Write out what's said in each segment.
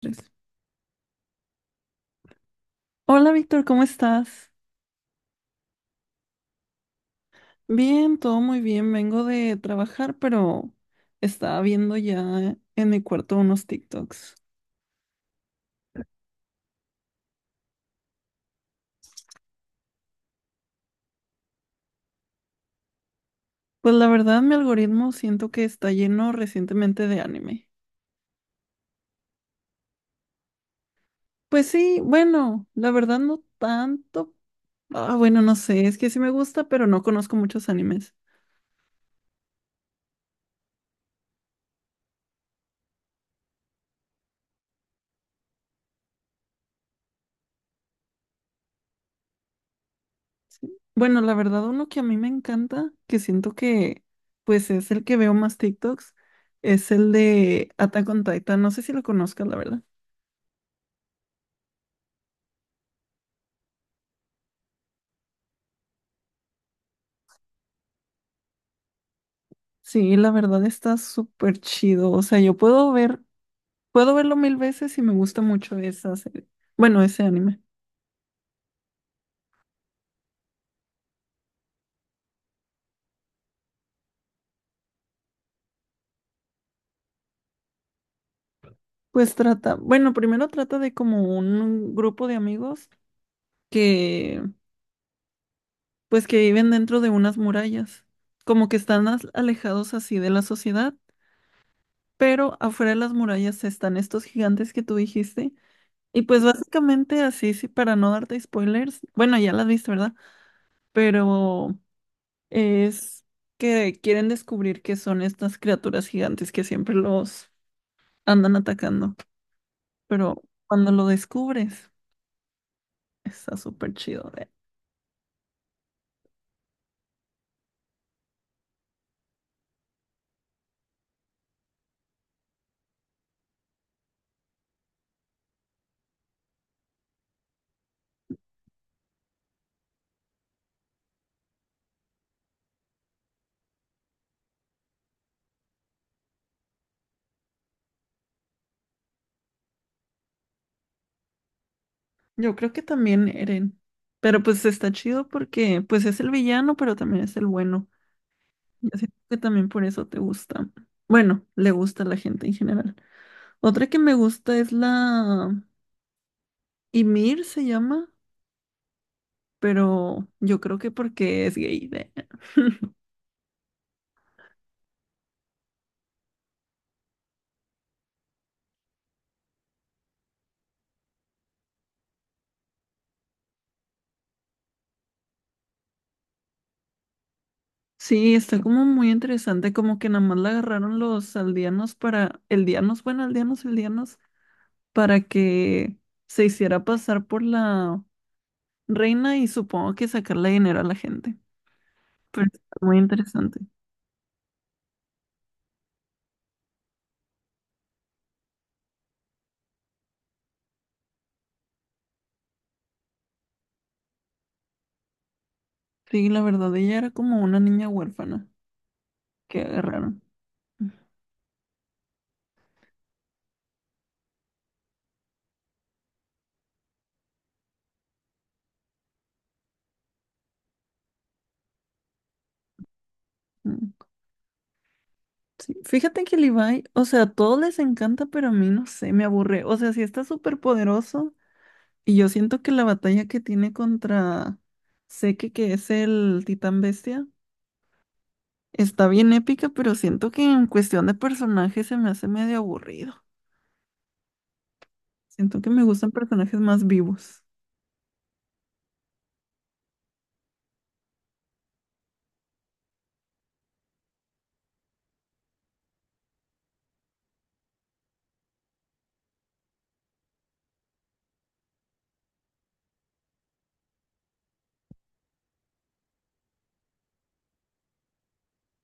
Tres. Hola Víctor, ¿cómo estás? Bien, todo muy bien. Vengo de trabajar, pero estaba viendo ya en mi cuarto unos TikToks. Pues la verdad, mi algoritmo siento que está lleno recientemente de anime. Pues sí, bueno, la verdad no tanto. Ah, bueno, no sé, es que sí me gusta, pero no conozco muchos animes. Bueno, la verdad, uno que a mí me encanta, que siento que pues es el que veo más TikToks, es el de Attack on Titan. No sé si lo conozcas, la verdad. Sí, la verdad está súper chido. O sea, yo puedo ver, puedo verlo mil veces y me gusta mucho esa serie. Bueno, ese anime. Pues trata, bueno, primero trata de como un grupo de amigos que, pues que viven dentro de unas murallas, como que están alejados así de la sociedad, pero afuera de las murallas están estos gigantes que tú dijiste. Y pues básicamente así, sí, para no darte spoilers, bueno, ya las viste, ¿verdad? Pero es que quieren descubrir qué son estas criaturas gigantes que siempre los andan atacando. Pero cuando lo descubres, está súper chido. Yo creo que también Eren. Pero pues está chido porque pues es el villano, pero también es el bueno. Yo siento que también por eso te gusta. Bueno, le gusta a la gente en general. Otra que me gusta es la Ymir se llama, pero yo creo que porque es gay. Sí, está como muy interesante, como que nada más la agarraron los aldeanos para, eldianos, bueno, aldeanos, eldianos, para que se hiciera pasar por la reina y supongo que sacarle dinero a la gente. Pero está muy interesante. Sí, la verdad, ella era como una niña huérfana que agarraron. Ujú. Sí, fíjate que Levi, o sea, a todos les encanta, pero a mí no sé, me aburre. O sea, sí está súper poderoso, y yo siento que la batalla que tiene contra Seke, que es el titán bestia, está bien épica, pero siento que en cuestión de personajes se me hace medio aburrido. Siento que me gustan personajes más vivos.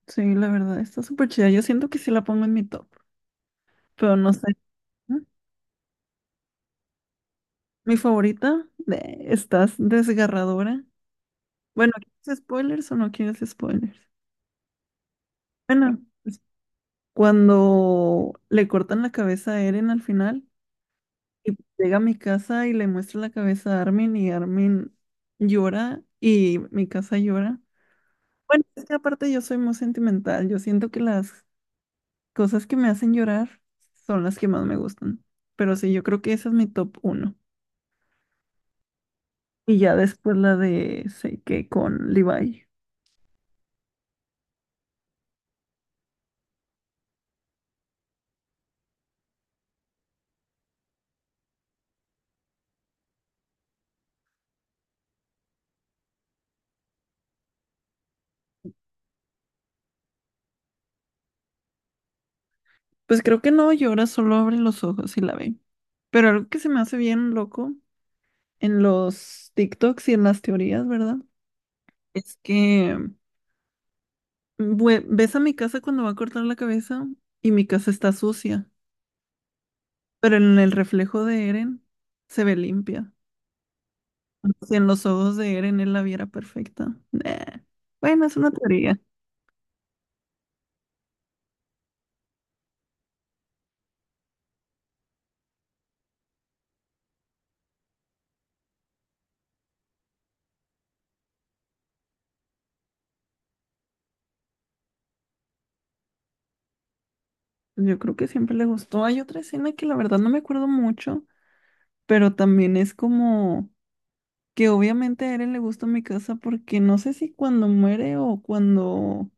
Sí, la verdad, está súper chida. Yo siento que sí la pongo en mi top, pero no sé. ¿Mm? Mi favorita, estás desgarradora. Bueno, ¿quieres spoilers o no quieres spoilers? Bueno, pues, cuando le cortan la cabeza a Eren al final. Y llega a mi casa y le muestra la cabeza a Armin y Armin llora y mi casa llora. Bueno, es que aparte yo soy muy sentimental. Yo siento que las cosas que me hacen llorar son las que más me gustan. Pero sí, yo creo que esa es mi top uno. Y ya después la de que con Levi. Pues creo que no llora, solo abre los ojos y la ve. Pero algo que se me hace bien loco en los TikToks y en las teorías, ¿verdad? Es que ves a mi casa cuando va a cortar la cabeza y mi casa está sucia, pero en el reflejo de Eren se ve limpia. Si en los ojos de Eren él la viera perfecta. Nah. Bueno, es una teoría. Yo creo que siempre le gustó. Hay otra escena que la verdad no me acuerdo mucho, pero también es como que obviamente a Eren le gusta mi casa porque no sé si cuando muere o cuando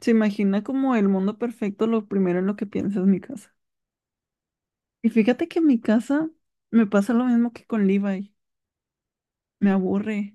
se imagina como el mundo perfecto, lo primero en lo que piensa es mi casa. Y fíjate que en mi casa me pasa lo mismo que con Levi, me aburre.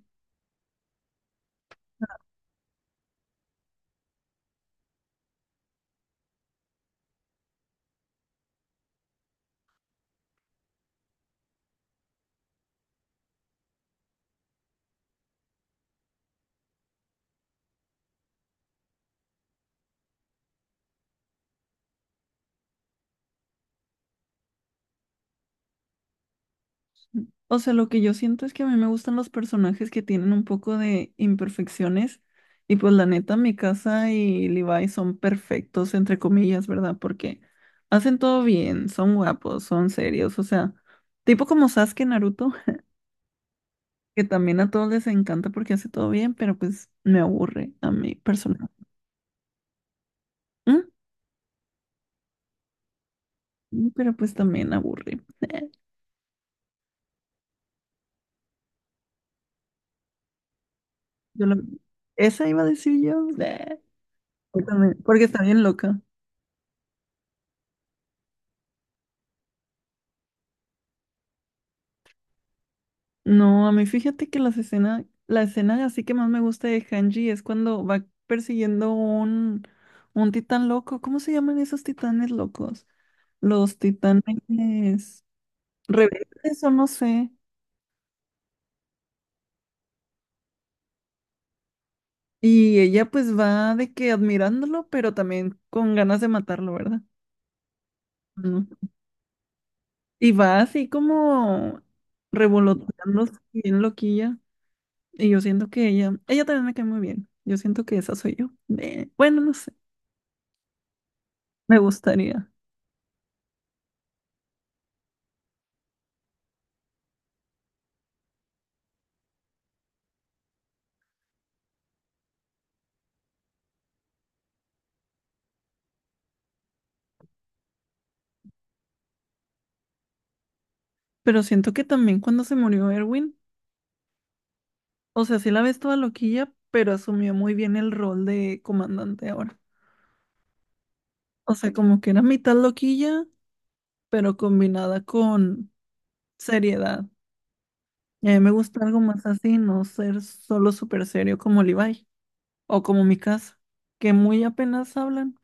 O sea, lo que yo siento es que a mí me gustan los personajes que tienen un poco de imperfecciones y pues la neta mi casa y Levi son perfectos, entre comillas, ¿verdad? Porque hacen todo bien, son guapos, son serios, o sea, tipo como Sasuke en Naruto, que también a todos les encanta porque hace todo bien, pero pues me aburre a mí personal. ¿Mm? Pero pues también aburre. Yo lo- Esa iba a decir yo. Yo también, porque está bien loca. No, a mí fíjate que la escena así que más me gusta de Hanji es cuando va persiguiendo un titán loco. ¿Cómo se llaman esos titanes locos? Los titanes rebeldes o no sé. Y ella pues va de que admirándolo, pero también con ganas de matarlo, ¿verdad? Ujú. Y va así como revoloteando bien loquilla. Y yo siento que ella también me cae muy bien. Yo siento que esa soy yo. Bueno, no sé, me gustaría. Pero siento que también cuando se murió Erwin, o sea, sí la ves toda loquilla, pero asumió muy bien el rol de comandante ahora. O sea, como que era mitad loquilla, pero combinada con seriedad. Y a mí me gusta algo más así, no ser solo súper serio como Levi o como mi casa, que muy apenas hablan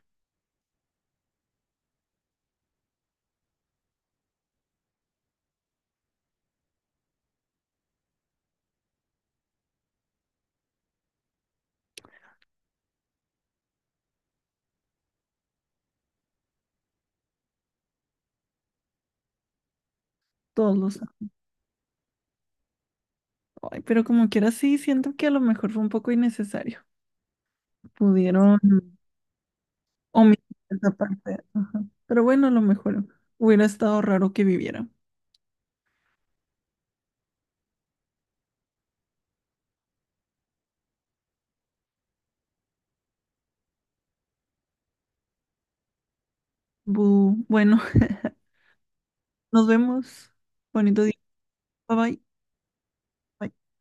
todos los... Ay, pero como quiera sí, siento que a lo mejor fue un poco innecesario. Pudieron omitir esa parte. Ajá. Pero bueno, a lo mejor hubiera estado raro que viviera. Bueno, nos vemos. Bonito día. Bye bye. Bye.